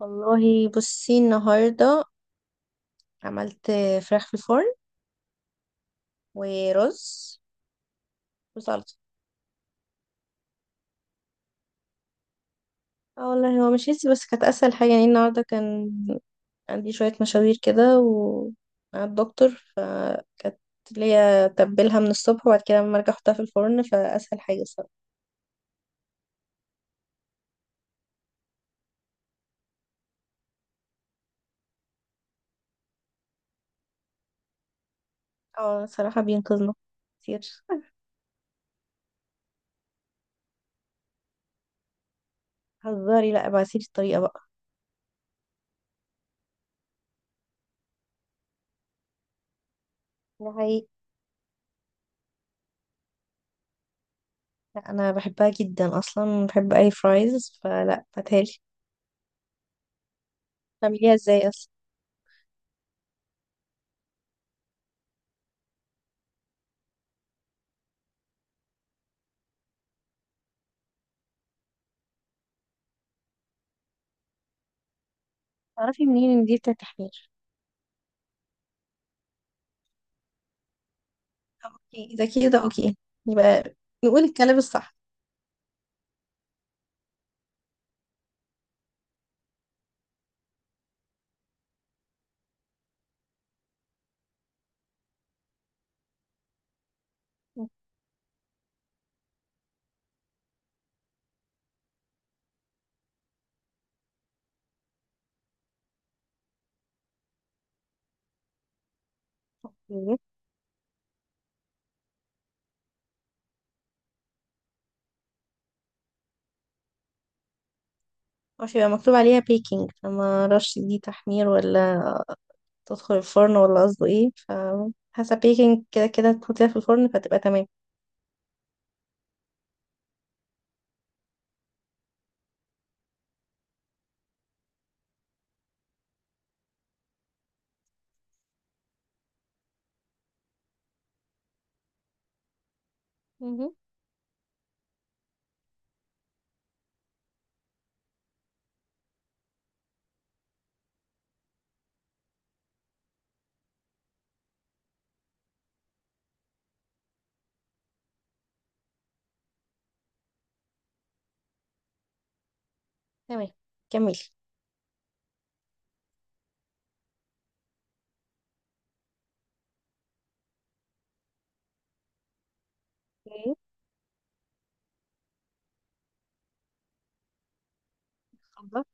والله بصي النهاردة عملت فراخ في الفرن، ورز، وسلطة. اه والله هو مش هيسي، بس كانت أسهل حاجة. يعني النهاردة كان عندي شوية مشاوير كده و مع الدكتور، فكانت ليا تبلها من الصبح وبعد كده لما ارجع احطها في الفرن، فأسهل حاجة الصراحة. اه، صراحة بينقذنا كتير. هزاري، لا ابعتيلي الطريقة بقى. ده حقيقي. لا أنا بحبها جدا أصلا، بحب أي فرايز، فلا هاتهالي. تعمليها ازاي أصلا؟ تعرفي منين ان دي بتاعت تحمير؟ ده كده اوكي. يبقى نقول الكلام الصح. اوكي. مش يبقى مكتوب عليها بيكنج، فما اعرفش دي تحمير ولا تدخل الفرن ولا قصده ايه، فحسب بيكنج كده كده تحطيها في الفرن فتبقى تمام. مهم. تمام، كملي. اوكي. اتفضل.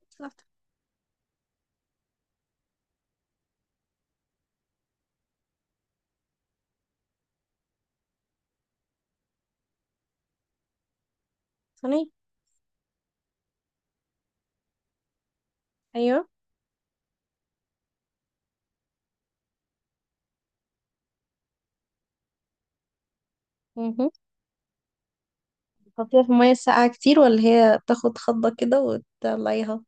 بالظبط. صينية. ايوه. مهم. تحطيها في المية الساقعة كتير ولا هي بتاخد خضة كده وتطلعيها؟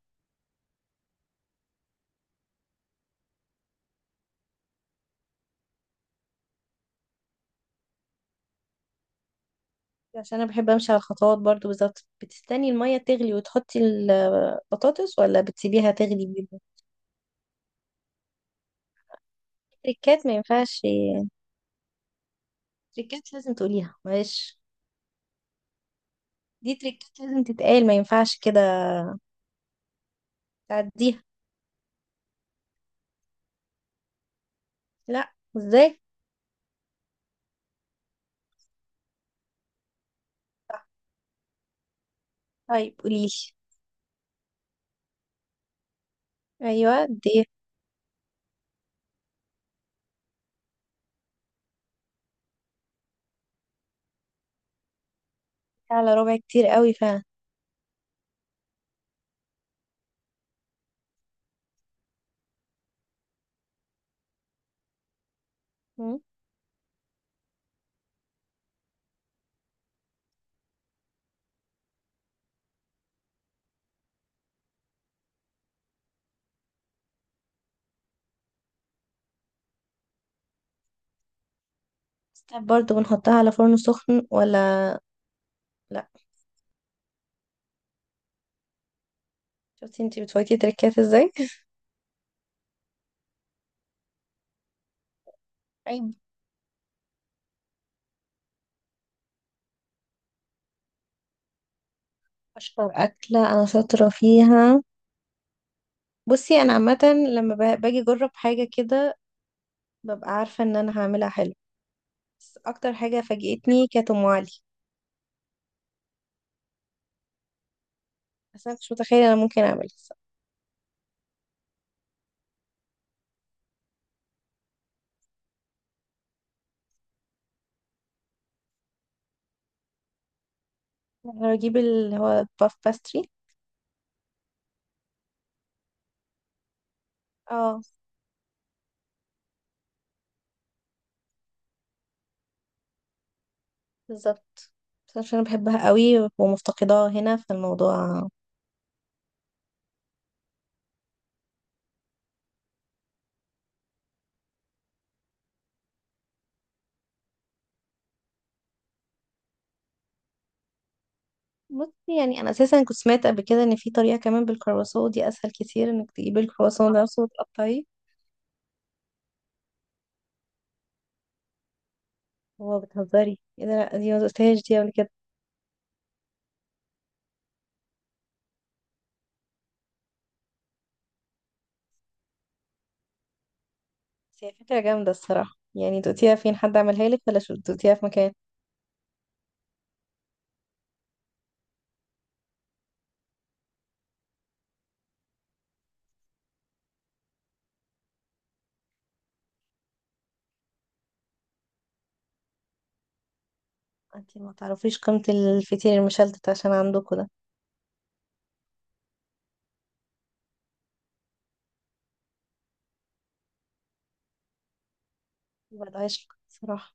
عشان انا بحب امشي على الخطوات برضو بالظبط. بتستني المية تغلي وتحطي البطاطس ولا بتسيبيها تغلي؟ تريكات ما ينفعش. تريكات لازم تقوليها معلش. دي تريكات لازم تتقال، ما ينفعش كده تعديها. لا، ازاي؟ صح. طيب، قوليلي. ايوه دي. على ربع كتير قوي فعلا. مم. ستاب، برضه بنحطها على فرن سخن ولا؟ لا. شفتي انتي بتفوتي تريكات ازاي. طيب. اشطر اكله انا شاطره فيها. بصي، انا عامه لما باجي اجرب حاجه كده ببقى عارفه ان انا هعملها حلو. بس اكتر حاجه فاجئتني كانت ام علي. بس انا مش متخيله انا ممكن اعملها. اجيب اللي هو باف باستري. اه. بالظبط. بس عشان انا بحبها قوي ومفتقداها هنا في الموضوع. بصي، يعني انا اساسا كنت سمعت قبل كده ان في طريقه كمان بالكرواسون. دي اسهل كتير انك تجيبي الكرواسون ده نفسه وتقطعيه. هو بتهزري ايه ده؟ لا دي ما دقتهاش دي قبل كده. بس هي فكره جامده الصراحه، يعني دقتيها فين؟ حد عملها لك ولا شو دقتيها في مكان؟ انت ما تعرفيش قيمه الفطير المشلتت عشان عندكم ده. ما بقدرش الصراحه.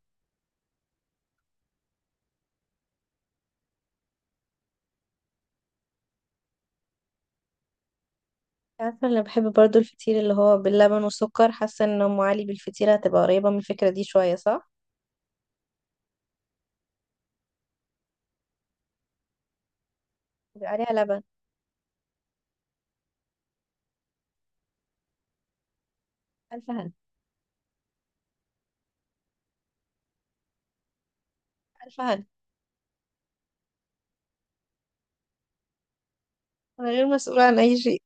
عارفة أنا بحب برضو الفطير اللي هو باللبن والسكر، حاسة إن أم علي بالفطيرة هتبقى قريبة من الفكرة دي شوية، صح؟ بيبقى عليها لبن. ألف هنا. ألف هنا. أنا غير مسؤولة عن أي شيء.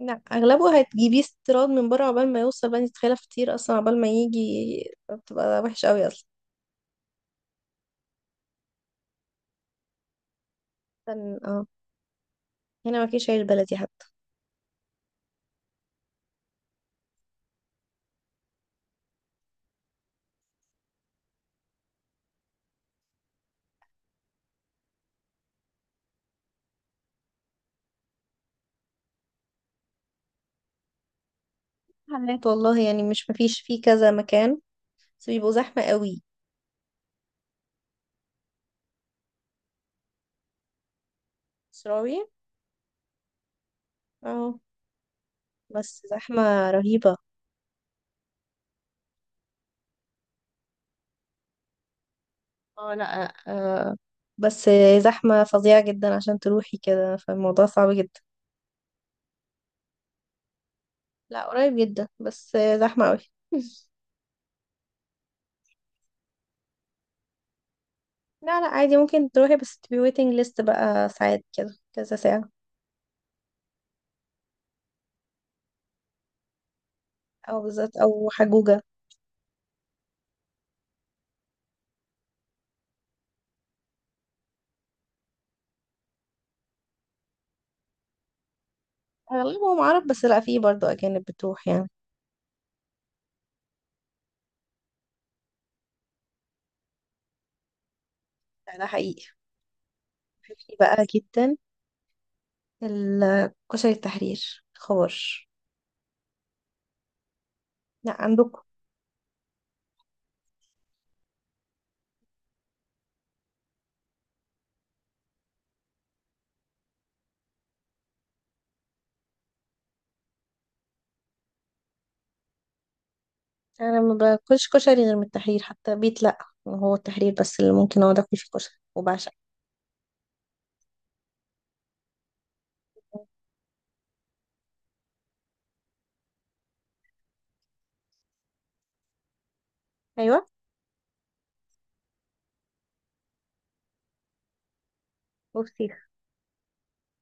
لا، أغلبه هتجيبيه استيراد من بره. عقبال ما يوصل بقى تتخيلها فطير أصلا، عقبال ما يجي بتبقى وحشة أوي أصلا. كان- اه هنا مفيش عيش بلدي حتى. حلات والله، يعني مش مفيش فيه كذا مكان، بس بيبقوا زحمة قوي. شراوي. اه بس زحمة رهيبة. اه، لا، آه، بس زحمة فظيعة جدا عشان تروحي كده فالموضوع صعب جدا. لا قريب جدا، بس زحمة قوي. لا لا عادي ممكن تروحي، بس تبقي waiting list بقى ساعات، كده كذا ساعة. أو بالذات أو حجوجة. أغلبهم عرب، بس لا في برضه أجانب بتروح يعني. لا ده حقيقي. في بقى جدا كشري التحرير خبر. لا عندكم. أنا ما باكلش كشري غير من التحرير، حتى بيت لا. هو التحرير بس اللي ممكن أقعد أكل فيه كشري وبعشق. أيوة، وفسيخ.